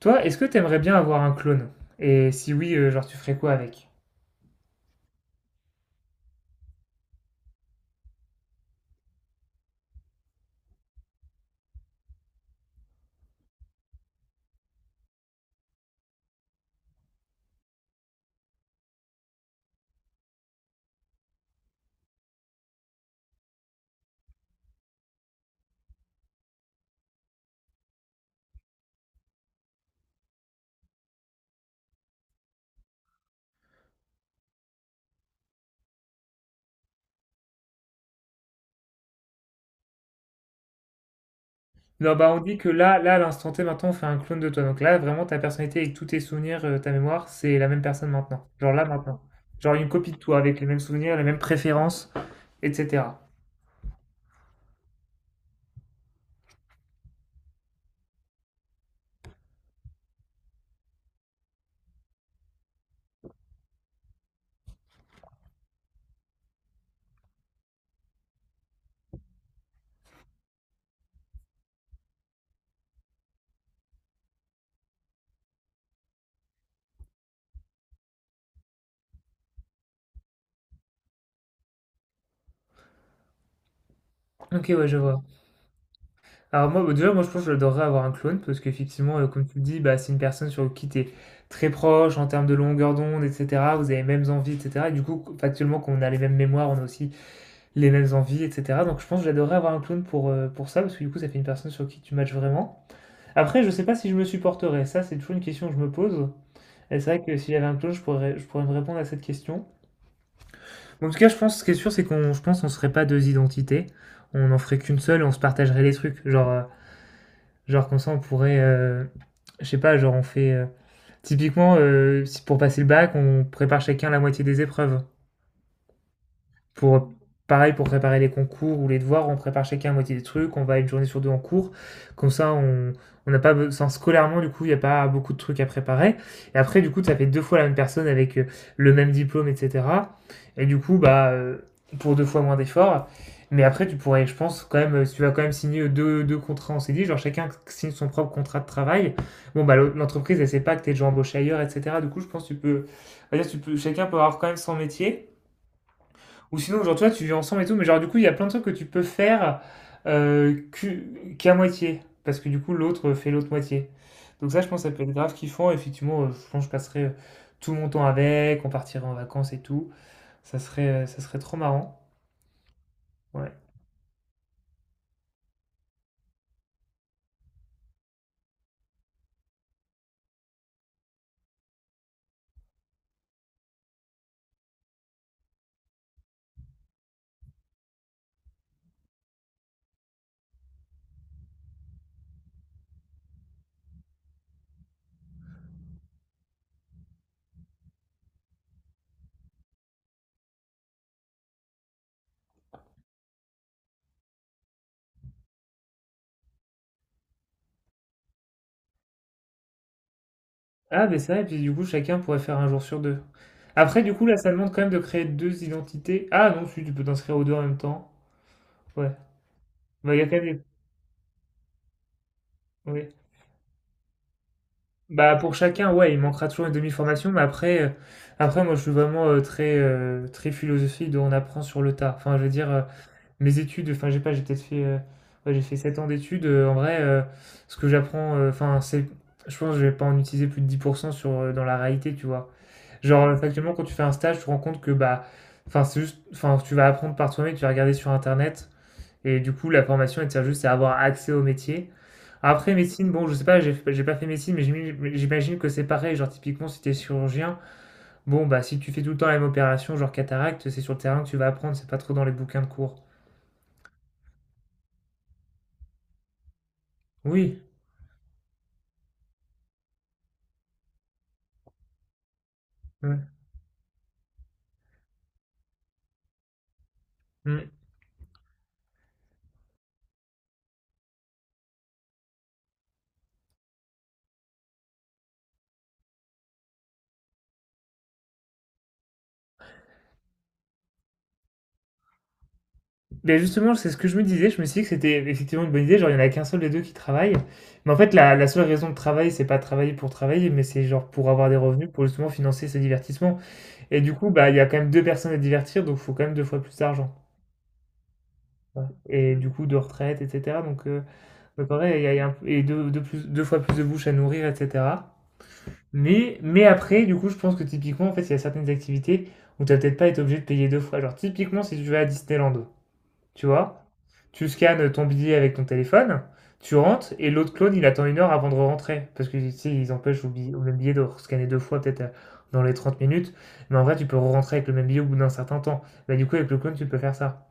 Toi, est-ce que t'aimerais bien avoir un clone? Et si oui, genre tu ferais quoi avec? Non, bah on dit que là, à l'instant T, maintenant, on fait un clone de toi. Donc là, vraiment, ta personnalité avec tous tes souvenirs, ta mémoire, c'est la même personne maintenant. Genre là, maintenant. Genre une copie de toi avec les mêmes souvenirs, les mêmes préférences, etc. Ok, ouais, je vois. Alors moi, bah, déjà, je pense que j'adorerais avoir un clone parce qu'effectivement, comme tu le dis, bah, c'est une personne sur qui t'es très proche en termes de longueur d'onde, etc. Vous avez les mêmes envies, etc. Et du coup, factuellement, qu'on a les mêmes mémoires, on a aussi les mêmes envies, etc. Donc je pense que j'adorerais avoir un clown pour ça, parce que du coup ça fait une personne sur qui tu matches vraiment. Après, je sais pas si je me supporterais, ça c'est toujours une question que je me pose. Et c'est vrai que si j'avais un clown, je pourrais me répondre à cette question. Bon, en tout cas, je pense ce qui est sûr, c'est qu'on je pense qu'on serait pas deux identités. On en ferait qu'une seule et on se partagerait les trucs. Genre, genre comme ça, on pourrait. Je sais pas, genre on fait. Typiquement, si pour passer le bac, on prépare chacun la moitié des épreuves. Pour Pareil pour préparer les concours ou les devoirs, on prépare chacun à moitié des trucs, on va une journée sur deux en cours, comme ça on n'a pas besoin scolairement, du coup il n'y a pas beaucoup de trucs à préparer, et après du coup ça fait deux fois la même personne avec le même diplôme, etc. Et du coup pour deux fois moins d'efforts. Mais après tu pourrais, je pense, quand même si tu vas quand même signer deux contrats. On s'est dit genre chacun signe son propre contrat de travail. Bon bah l'entreprise elle sait pas que t'es déjà embauché ailleurs, etc. Du coup je pense que tu peux, dire, tu peux chacun peut avoir quand même son métier. Ou sinon, genre, toi, tu vis ensemble et tout, mais genre, du coup, il y a plein de trucs que tu peux faire qu'à moitié, parce que du coup, l'autre fait l'autre moitié. Donc ça, je pense que ça peut être grave kiffant. Effectivement, je pense que je passerai tout mon temps avec, on partirait en vacances et tout. Ça serait trop marrant. Ouais. Ah, mais ça, et puis du coup, chacun pourrait faire un jour sur deux. Après, du coup, là, ça demande quand même de créer deux identités. Ah non, si, tu peux t'inscrire aux deux en même temps. Ouais. Bah, il y a quand même des... ouais. Bah pour chacun, ouais, il manquera toujours une demi-formation, mais après, après moi je suis vraiment très philosophique de on apprend sur le tas. Enfin, je veux dire, mes études, enfin j'ai pas, j'ai peut-être fait, ouais, j'ai fait 7 ans d'études. En vrai, ce que j'apprends, enfin c'est, je pense que je vais pas en utiliser plus de 10% sur dans la réalité, tu vois. Genre factuellement quand tu fais un stage, tu te rends compte que bah, enfin c'est juste, enfin tu vas apprendre par toi-même, tu vas regarder sur internet, et du coup la formation elle te sert juste à avoir accès au métier. Après, médecine, bon, je sais pas, j'ai pas fait médecine, mais j'imagine que c'est pareil. Genre, typiquement, si t'es chirurgien, bon, bah, si tu fais tout le temps la même opération, genre cataracte, c'est sur le terrain que tu vas apprendre, c'est pas trop dans les bouquins de cours. Oui. Ouais. Mm. Mais justement, c'est ce que je me disais, je me suis dit que c'était effectivement une bonne idée. Genre, il y en a qu'un seul des deux qui travaille. Mais en fait, la seule raison de travailler, c'est pas travailler pour travailler, mais c'est genre pour avoir des revenus, pour justement financer ses divertissements. Et du coup, bah, il y a quand même deux personnes à divertir, donc il faut quand même deux fois plus d'argent. Ouais. Et du coup, de retraite, etc. Mais pareil, il y a deux fois plus de bouches à nourrir, etc. Mais après, du coup, je pense que typiquement, en fait, il y a certaines activités où tu vas peut-être pas être obligé de payer deux fois. Genre, typiquement, si tu vas à Disneyland, tu vois, tu scannes ton billet avec ton téléphone, tu rentres, et l'autre clone, il attend une heure avant de rentrer. Parce que, tu sais, ils empêchent au même billet de scanner deux fois, peut-être dans les 30 minutes. Mais en vrai, tu peux rentrer avec le même billet au bout d'un certain temps. Bah, du coup, avec le clone, tu peux faire ça.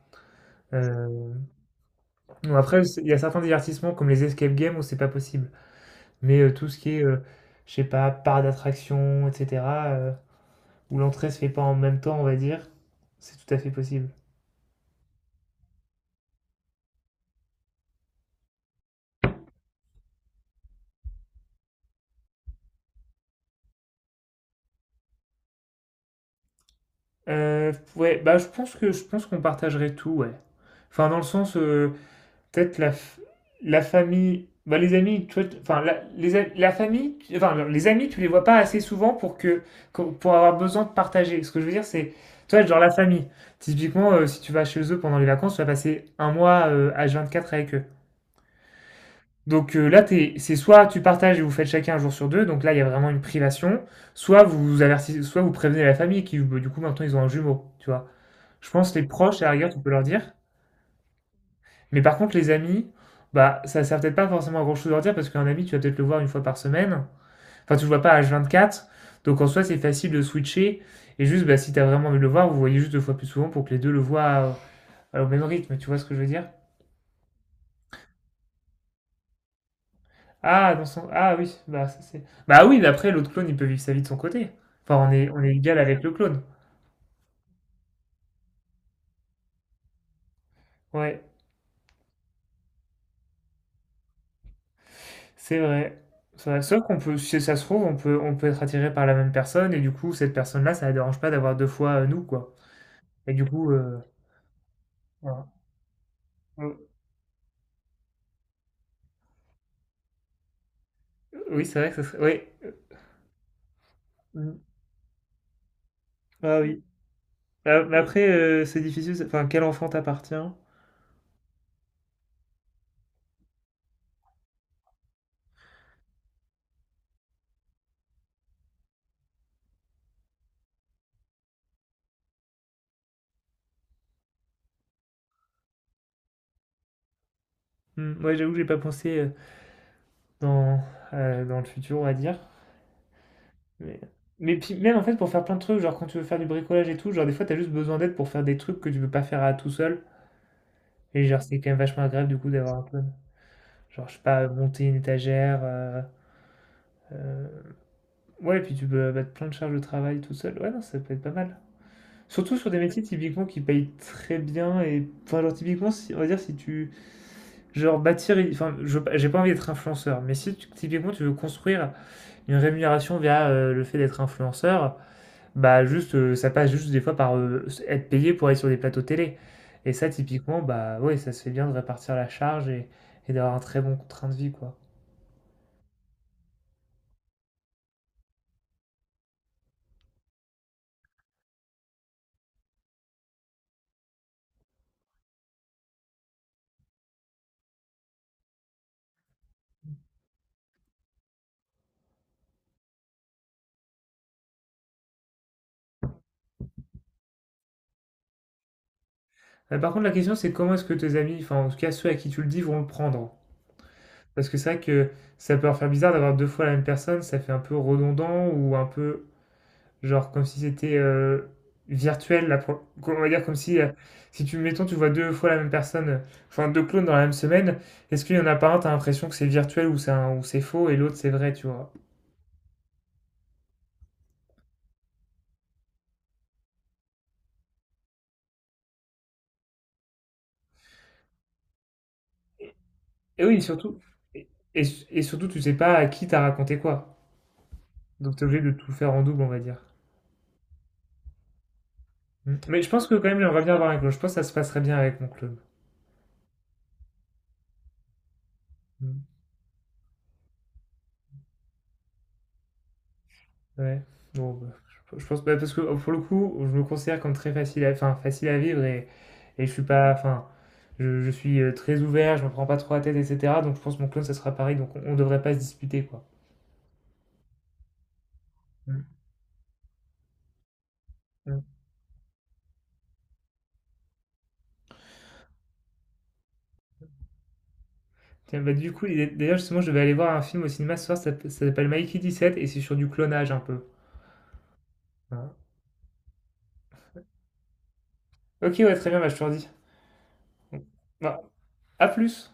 Euh, bon, après, il y a certains divertissements, comme les escape games, où c'est pas possible. Mais tout ce qui est, je sais pas, parc d'attraction et cetera, où l'entrée se fait pas en même temps, on va dire, c'est tout à fait possible. Ouais, bah, je pense qu'on partagerait tout, ouais. Enfin, dans le sens, peut-être la famille, bah, les amis, tu vois, t enfin, la les a la famille, tu enfin, non, les amis, tu les vois pas assez souvent pour que qu'on pour avoir besoin de partager. Ce que je veux dire, c'est, tu vois, genre la famille, typiquement, si tu vas chez eux pendant les vacances, tu vas passer un mois, H24 avec eux. Donc là, c'est soit tu partages et vous faites chacun un jour sur deux, donc là, il y a vraiment une privation, soit vous avertissez, soit vous prévenez la famille qui, bah, du coup, maintenant, ils ont un jumeau, tu vois. Je pense les proches, à la rigueur, tu peux leur dire. Mais par contre, les amis, bah, ça sert peut-être pas forcément à grand-chose de leur dire, parce qu'un ami, tu vas peut-être le voir une fois par semaine. Enfin, tu le vois pas à vingt-quatre, donc en soi, c'est facile de switcher. Et juste, bah, si t'as vraiment envie de le voir, vous voyez juste deux fois plus souvent pour que les deux le voient au même rythme, tu vois ce que je veux dire? Ah, dans son ah oui, bah ça c'est bah oui, mais après l'autre clone, il peut vivre sa vie de son côté. Enfin, on est égal avec le clone. Ouais, c'est vrai. C'est vrai. Sauf qu'on peut, si ça se trouve, on peut être attiré par la même personne et du coup, cette personne-là, ça la dérange pas d'avoir deux fois nous quoi. Et du coup, voilà. Euh, Oui, c'est vrai que ça serait. Oui. Mm. Ah oui. Ah, mais après, c'est difficile. Enfin, quel enfant t'appartient? Hmm, moi, j'avoue, que j'ai pas pensé dans dans le futur, on va dire. Mais, mais puis même en fait pour faire plein de trucs, genre quand tu veux faire du bricolage et tout, genre des fois t'as juste besoin d'aide pour faire des trucs que tu peux pas faire à tout seul. Et genre c'est quand même vachement agréable du coup d'avoir un peu, genre je sais pas, monter une étagère, euh, ouais, puis tu peux mettre plein de charges de travail tout seul. Ouais, non, ça peut être pas mal. Surtout sur des métiers typiquement qui payent très bien et enfin genre typiquement si, on va dire si tu genre bâtir enfin je veux pas- j'ai pas envie d'être influenceur mais si tu- typiquement tu veux construire une rémunération via le fait d'être influenceur. Bah juste, ça passe juste des fois par, être payé pour aller sur des plateaux télé et ça typiquement, bah, ouais, ça se fait bien de répartir la charge et d'avoir un très bon train de vie, quoi. Par contre, la question, c'est comment est-ce que tes amis, enfin, en tout cas ceux à qui tu le dis, vont le prendre? Parce que c'est vrai que ça peut leur faire bizarre d'avoir 2 fois la même personne, ça fait un peu redondant ou un peu. Genre comme si c'était virtuel, on va dire comme si, si tu, mettons, tu vois deux fois la même personne, enfin deux clones dans la même semaine, est-ce qu'il y en a pas un, t'as l'impression que c'est virtuel ou ou c'est faux et l'autre c'est vrai, tu vois. Et oui, surtout, et, et- et surtout tu sais pas à qui t'as raconté quoi. Donc t'es obligé de tout faire en double, on va dire. Mm. Mais je pense que quand même j'aimerais bien avoir un clone, je pense que ça se passerait bien avec mon clone. Mm. Ouais, bon, bah, je pense bah, parce que pour le coup, je me considère comme très facile à, enfin, facile à vivre et, et je suis pas, enfin, je suis très ouvert, je me prends pas trop la tête, etc. Donc je pense que mon clone, ça sera pareil, donc on devrait pas se disputer, quoi. Mm, mm. Tiens, bah, du coup, justement, je vais aller voir un film au cinéma ce soir, ça s'appelle Mikey 17 et c'est sur du clonage un peu. Voilà. Ok, ouais, très bien, bah, je te redis. Bon. Bah, à plus!